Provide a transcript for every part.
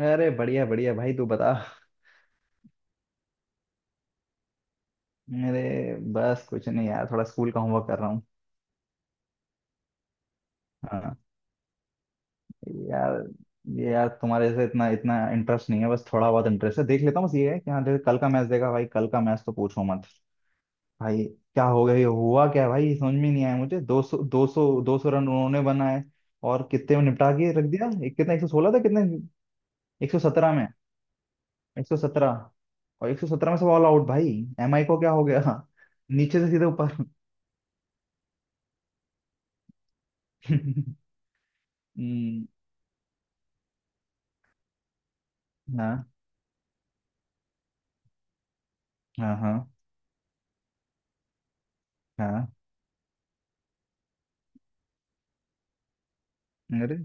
अरे बढ़िया बढ़िया भाई तू बता। मेरे बस कुछ नहीं यार, थोड़ा स्कूल का होमवर्क कर रहा हूँ। हाँ यार, ये यार तुम्हारे से इतना इतना इंटरेस्ट नहीं है, बस थोड़ा बहुत इंटरेस्ट है, देख लेता हूँ। बस ये है कि हाँ, जैसे कल का मैच देखा भाई, कल का मैच तो पूछो मत। भाई क्या हो गया, ये हुआ क्या है भाई, समझ में नहीं आया मुझे। दो सौ रन उन्होंने बनाए, और कितने में निपटा के रख दिया। एक कितना, 116 था कितने, 117 में। एक सौ सत्रह, और 117 में सब ऑल आउट भाई। एम आई को क्या हो गया। नीचे से सीधे ऊपर। हम्म, हाँ हाँ हाँ हाँ, अरे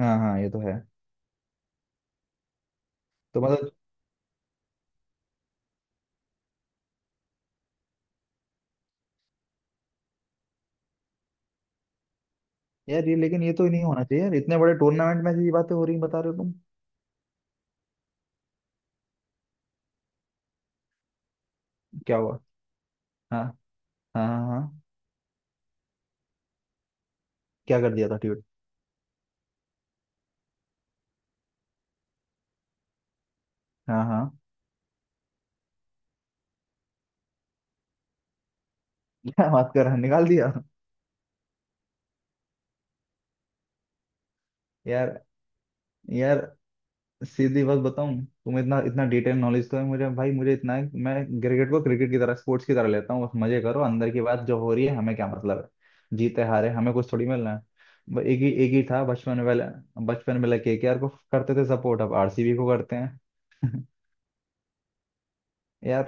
हाँ हाँ ये तो है। तो मतलब, यार ये लेकिन, ये तो नहीं होना चाहिए यार, इतने बड़े टूर्नामेंट में से ये बातें हो रही हैं, बता रहे हो तुम। क्या हुआ। हाँ हाँ हाँ हाँ। क्या कर दिया था ट्यूट। हाँ हाँ। क्या बात कर रहा है? निकाल दिया। यार यार सीधी बात बताऊं तुम्हें, इतना इतना डिटेल नॉलेज तो है मुझे भाई, मुझे इतना है कि मैं क्रिकेट को क्रिकेट की तरह, स्पोर्ट्स की तरह लेता हूँ, बस मजे करो। अंदर की बात जो हो रही है हमें क्या मतलब है, जीते हारे हमें कुछ थोड़ी मिलना है। एक ही था बचपन में वाला। बचपन में लगे केकेआर को करते थे सपोर्ट, अब आरसीबी को करते हैं। यार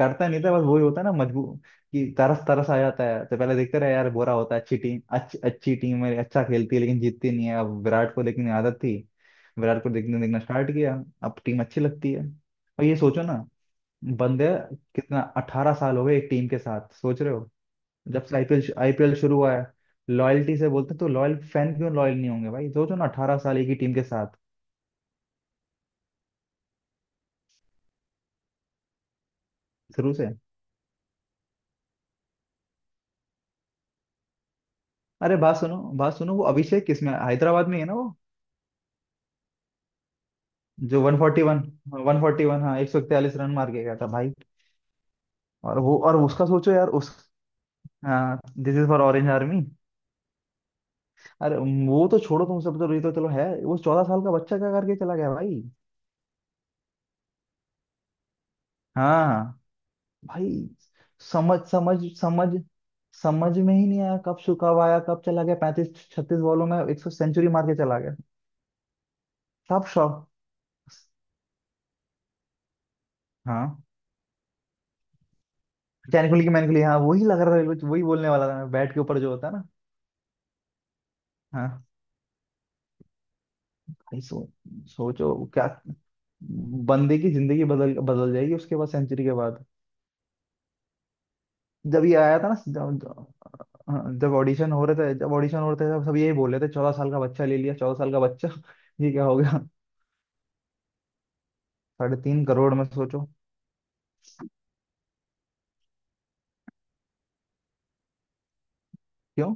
करता नहीं था, बस वही होता है ना, मजबूर कि तरस तरस आ जाता है, तो पहले देखते रहे यार, बुरा होता है, अच्छी टीम, अच्छी अच्छी टीम है, अच्छा खेलती है लेकिन जीतती नहीं है। अब विराट को लेकिन आदत थी, विराट को देखने देखना स्टार्ट किया, अब टीम अच्छी लगती है। और ये सोचो ना बंदे, कितना 18 साल हो गए एक टीम के साथ, सोच रहे हो। जब से आईपीएल आईपीएल शुरू हुआ है, लॉयल्टी से बोलते हैं, तो लॉयल फैन क्यों लॉयल नहीं होंगे भाई, सोचो ना, 18 साल एक ही टीम के साथ। शुरू से। अरे बात सुनो बात सुनो, वो अभिषेक किसमें, हैदराबाद में ही है ना वो? जो 141, 141 हाँ, 141 रन मार के गया था भाई। और वो, और उसका सोचो यार, उस, हाँ, this is for orange army. अरे वो तो छोड़ो, तुम सब तो ये तो चलो है, वो 14 साल का बच्चा क्या करके चला गया भाई। हाँ भाई, समझ समझ समझ, समझ में ही नहीं आया। कब आया कब चला गया, 35 36 बॉलों में 100, सेंचुरी मार के चला गया। सब शौक, हाँ। मैकेनिकली की मैनिकली हाँ, वही लग रहा था, वही बोलने वाला था मैं, बैट के ऊपर जो होता है ना। हाँ। भाई सो, सोचो क्या, बंदे की जिंदगी बदल बदल जाएगी उसके बाद, सेंचुरी के बाद। जब ये आया था ना, जब ऑडिशन हो रहे थे, जब ऑडिशन हो रहे थे तब सब यही बोल रहे थे, 14 साल का बच्चा ले लिया, 14 साल का बच्चा। ये क्या हो गया। 3.5 करोड़ में सोचो। क्यों,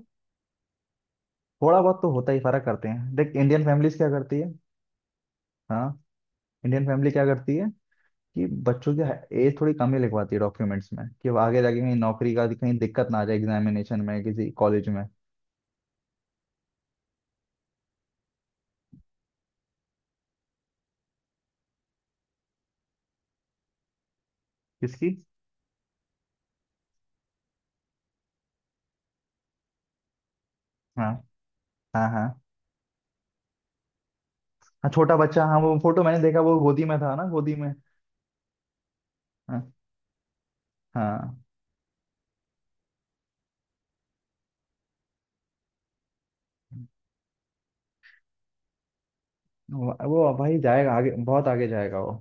थोड़ा बहुत तो होता ही, फर्क करते हैं, देख इंडियन फैमिलीज क्या करती है। हाँ, इंडियन फैमिली क्या करती है कि बच्चों की एज थोड़ी कम ही लिखवाती है डॉक्यूमेंट्स में, कि वो आगे जाके कहीं नौकरी का, कहीं दिक्कत ना आ जाए एग्जामिनेशन में, किसी कॉलेज में। किसकी। हाँ हाँ हाँ, हाँ छोटा बच्चा, हाँ वो फोटो मैंने देखा, वो गोदी में था ना, गोदी में। हाँ। हाँ वो भाई जाएगा आगे, बहुत आगे जाएगा वो,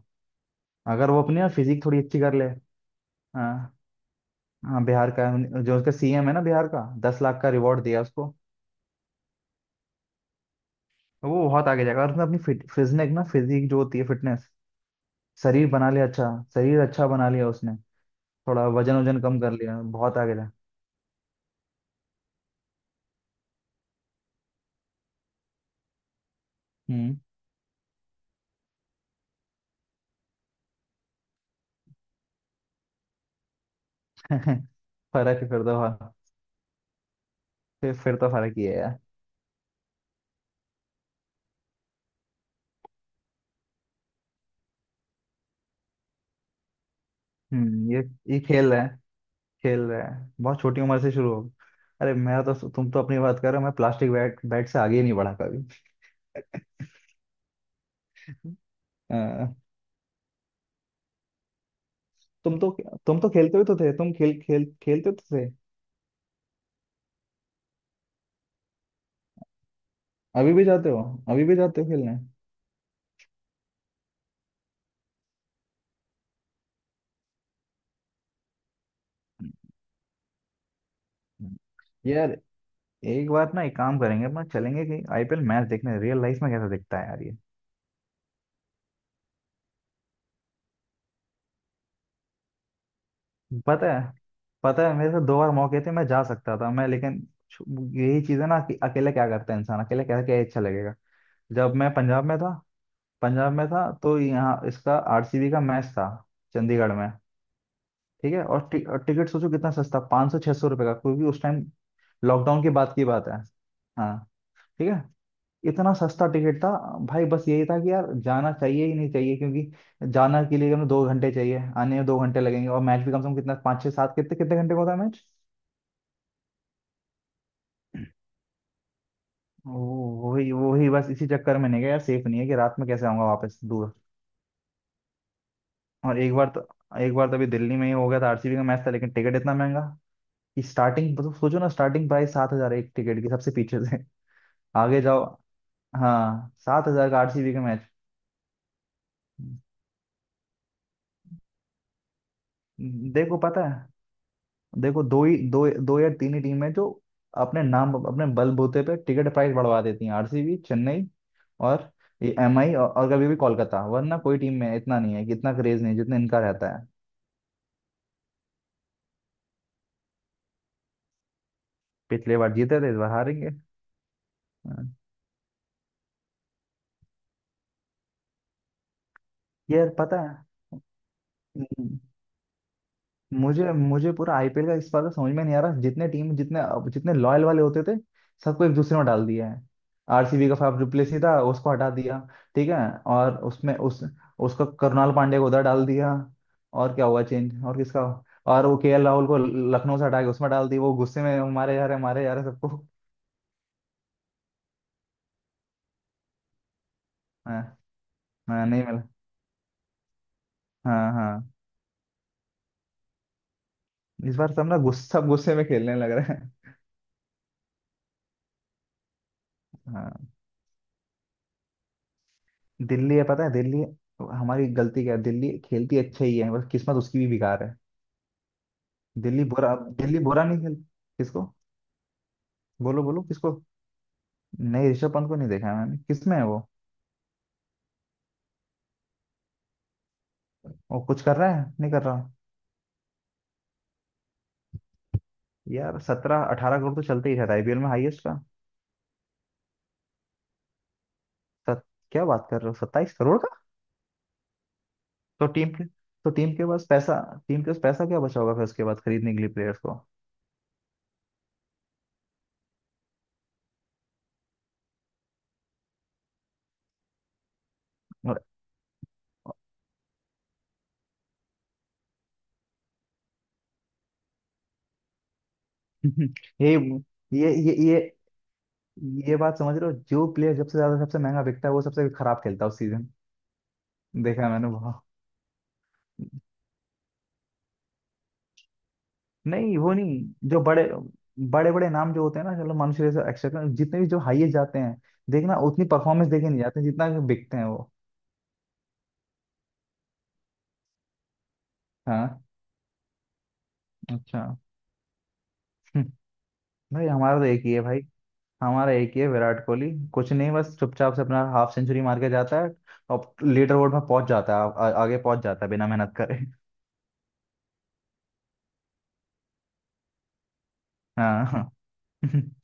अगर वो अपनी ना फिजिक थोड़ी अच्छी कर ले। हाँ हाँ बिहार का, जो उसका सीएम है ना बिहार का, 10 लाख का रिवॉर्ड दिया उसको। वो बहुत आगे जाएगा, और उसने अपनी फिट फिजनेक ना फिजिक जो होती है, फिटनेस, शरीर बना लिया अच्छा, शरीर अच्छा बना लिया उसने, थोड़ा वजन वजन कम कर लिया, बहुत आगे जा। हम्म। फर्क है फिर तो, हाँ, फिर तो फर्क ही है यार। हम्म, ये खेल है, खेल रहे हैं बहुत छोटी उम्र से शुरू हो। अरे मेरा तो, तुम तो अपनी बात कर रहे हो, मैं प्लास्टिक बैट बैट से आगे ही नहीं बढ़ा कभी। अ, तुम तो, तुम तो खेलते ही तो थे, तुम खेल खेल खेलते तो थे। अभी भी जाते हो, अभी भी जाते हो खेलने। यार एक बार ना, एक काम करेंगे अपना, चलेंगे कि आईपीएल मैच देखने, रियल लाइफ में कैसा दिखता है यार ये। पता है, पता है मेरे से दो बार मौके थे, मैं जा सकता था मैं, लेकिन, छु- यही चीज है ना कि अकेले क्या करता है इंसान, अकेले क्या क्या अच्छा लगेगा। जब मैं पंजाब में था, पंजाब में था तो यहाँ इसका आरसीबी का मैच था, चंडीगढ़ में। ठीक है, और, और टिकट सोचो कितना सस्ता, 500-600 रुपये का, क्योंकि उस टाइम लॉकडाउन के बाद की बात है। हाँ, ठीक है, इतना सस्ता टिकट था। भाई बस यही था कि यार जाना चाहिए ही नहीं चाहिए, क्योंकि जाना के लिए हमें 2 घंटे चाहिए, आने में 2 घंटे लगेंगे, और मैच भी कम से कम कितना, 5, 6, 7, कितने कितने घंटे का होता है मैच। वही वही, बस इसी चक्कर में नहीं गया यार, सेफ नहीं है, कि रात में कैसे आऊंगा वापस, दूर। और एक बार तो अभी दिल्ली में ही हो गया था, आरसीबी का मैच था लेकिन टिकट इतना महंगा, कि स्टार्टिंग मतलब, सोचो ना, स्टार्टिंग प्राइस 7,000 एक टिकट की, सबसे पीछे से, आगे जाओ। हाँ, 7,000 का आरसीबी का मैच। देखो पता है, देखो दो या तीन ही टीम है जो अपने नाम, अपने बलबूते पे टिकट प्राइस बढ़वा देती हैं, आरसीबी, चेन्नई, और ये एमआई और, कभी भी कोलकाता, वरना कोई टीम में इतना नहीं है, कि इतना क्रेज नहीं है जितना इनका रहता है। पिछले बार जीते थे, इस बार हारेंगे। हाँ। यार पता है, मुझे मुझे पूरा आईपीएल का इस बार का समझ में नहीं आ रहा, जितने टीम जितने, अब जितने लॉयल वाले होते थे सबको एक दूसरे में डाल दिया है। आरसीबी का फाफ डुप्लेसी था, उसको हटा दिया, ठीक है। और उसमें, उस उसका करुणाल पांडे को उधर डाल दिया, और क्या हुआ चेंज और किसका। और वो केएल राहुल को लखनऊ से हटा के उसमें डाल दी, वो गुस्से में मारे जा रहे, मारे जा रहे सबको। हाँ हाँ, नहीं मिला, हाँ हाँ। इस बार सब ना, गुस्सा, सब गुस्से में खेलने लग रहे हैं। हाँ दिल्ली है, पता है, दिल्ली हमारी गलती क्या है, दिल्ली खेलती अच्छा ही है, बस किस्मत उसकी भी बेकार है। दिल्ली बुरा अब दिल्ली बुरा नहीं खेल। किसको। बोलो बोलो किसको, नहीं ऋषभ पंत को नहीं देखा है मैंने, किस में है वो कुछ कर रहा है नहीं कर रहा। यार 17-18 करोड़ तो चलते ही रहता है आईपीएल में हाईएस्ट का। सत, क्या बात कर रहे हो, 27 करोड़ का। तो टीम के तो टीम के पास पैसा टीम के पास पैसा क्या बचा होगा फिर उसके बाद, खरीदने के लिए प्लेयर्स को। और ये ये ये बात समझ रहे हो, जो प्लेयर जब से ज्यादा, सबसे महंगा बिकता है वो सबसे खराब खेलता है उस सीजन। देखा है मैंने बहुत। नहीं वो नहीं, जो बड़े, बड़े बड़े नाम जो होते हैं ना, चलो मनुष्य जैसे एक्स्ट्रा, जितने भी जो हाईएस्ट जाते हैं, देखना उतनी परफॉर्मेंस देके नहीं जाते जितना कि बिकते हैं वो। हाँ अच्छा। हम्म, भाई हमारा तो एक ही है, भाई हमारा एक ही है, विराट कोहली, कुछ नहीं बस चुपचाप से अपना हाफ सेंचुरी मार के जाता है, और लीडर बोर्ड में पहुंच जाता है, आगे पहुंच जाता है बिना मेहनत करे। हाँ हाँ।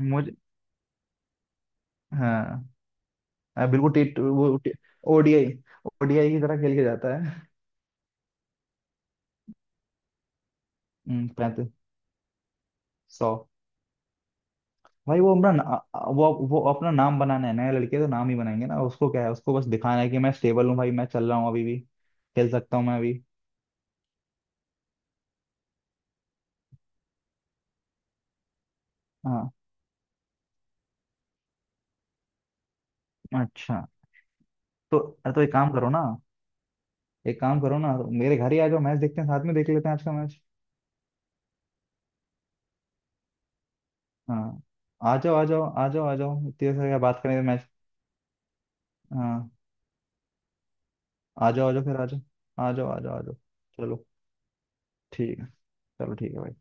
मुझे, हाँ, बिल्कुल टी वो ओडीआई ओडीआई की तरह खेल के जाता है। 35, 100। भाई वो अपना, वो अपना नाम बनाना है, नया लड़के तो नाम ही बनाएंगे ना, उसको क्या है, उसको बस दिखाना है कि मैं स्टेबल हूँ भाई, मैं चल रहा हूँ अभी भी, खेल सकता हूँ मैं अभी। हाँ अच्छा तो। अरे तो एक काम करो ना, मेरे घर ही आ जाओ, मैच देखते हैं साथ में, देख लेते हैं आज का मैच। हाँ, आ जाओ आ जाओ आ जाओ आ जाओ, इतनी देर से क्या बात करें, मैच। हाँ आ जाओ आ जाओ, फिर आ जाओ, आ जाओ आ जाओ आ जाओ। चलो ठीक है, चलो ठीक है भाई।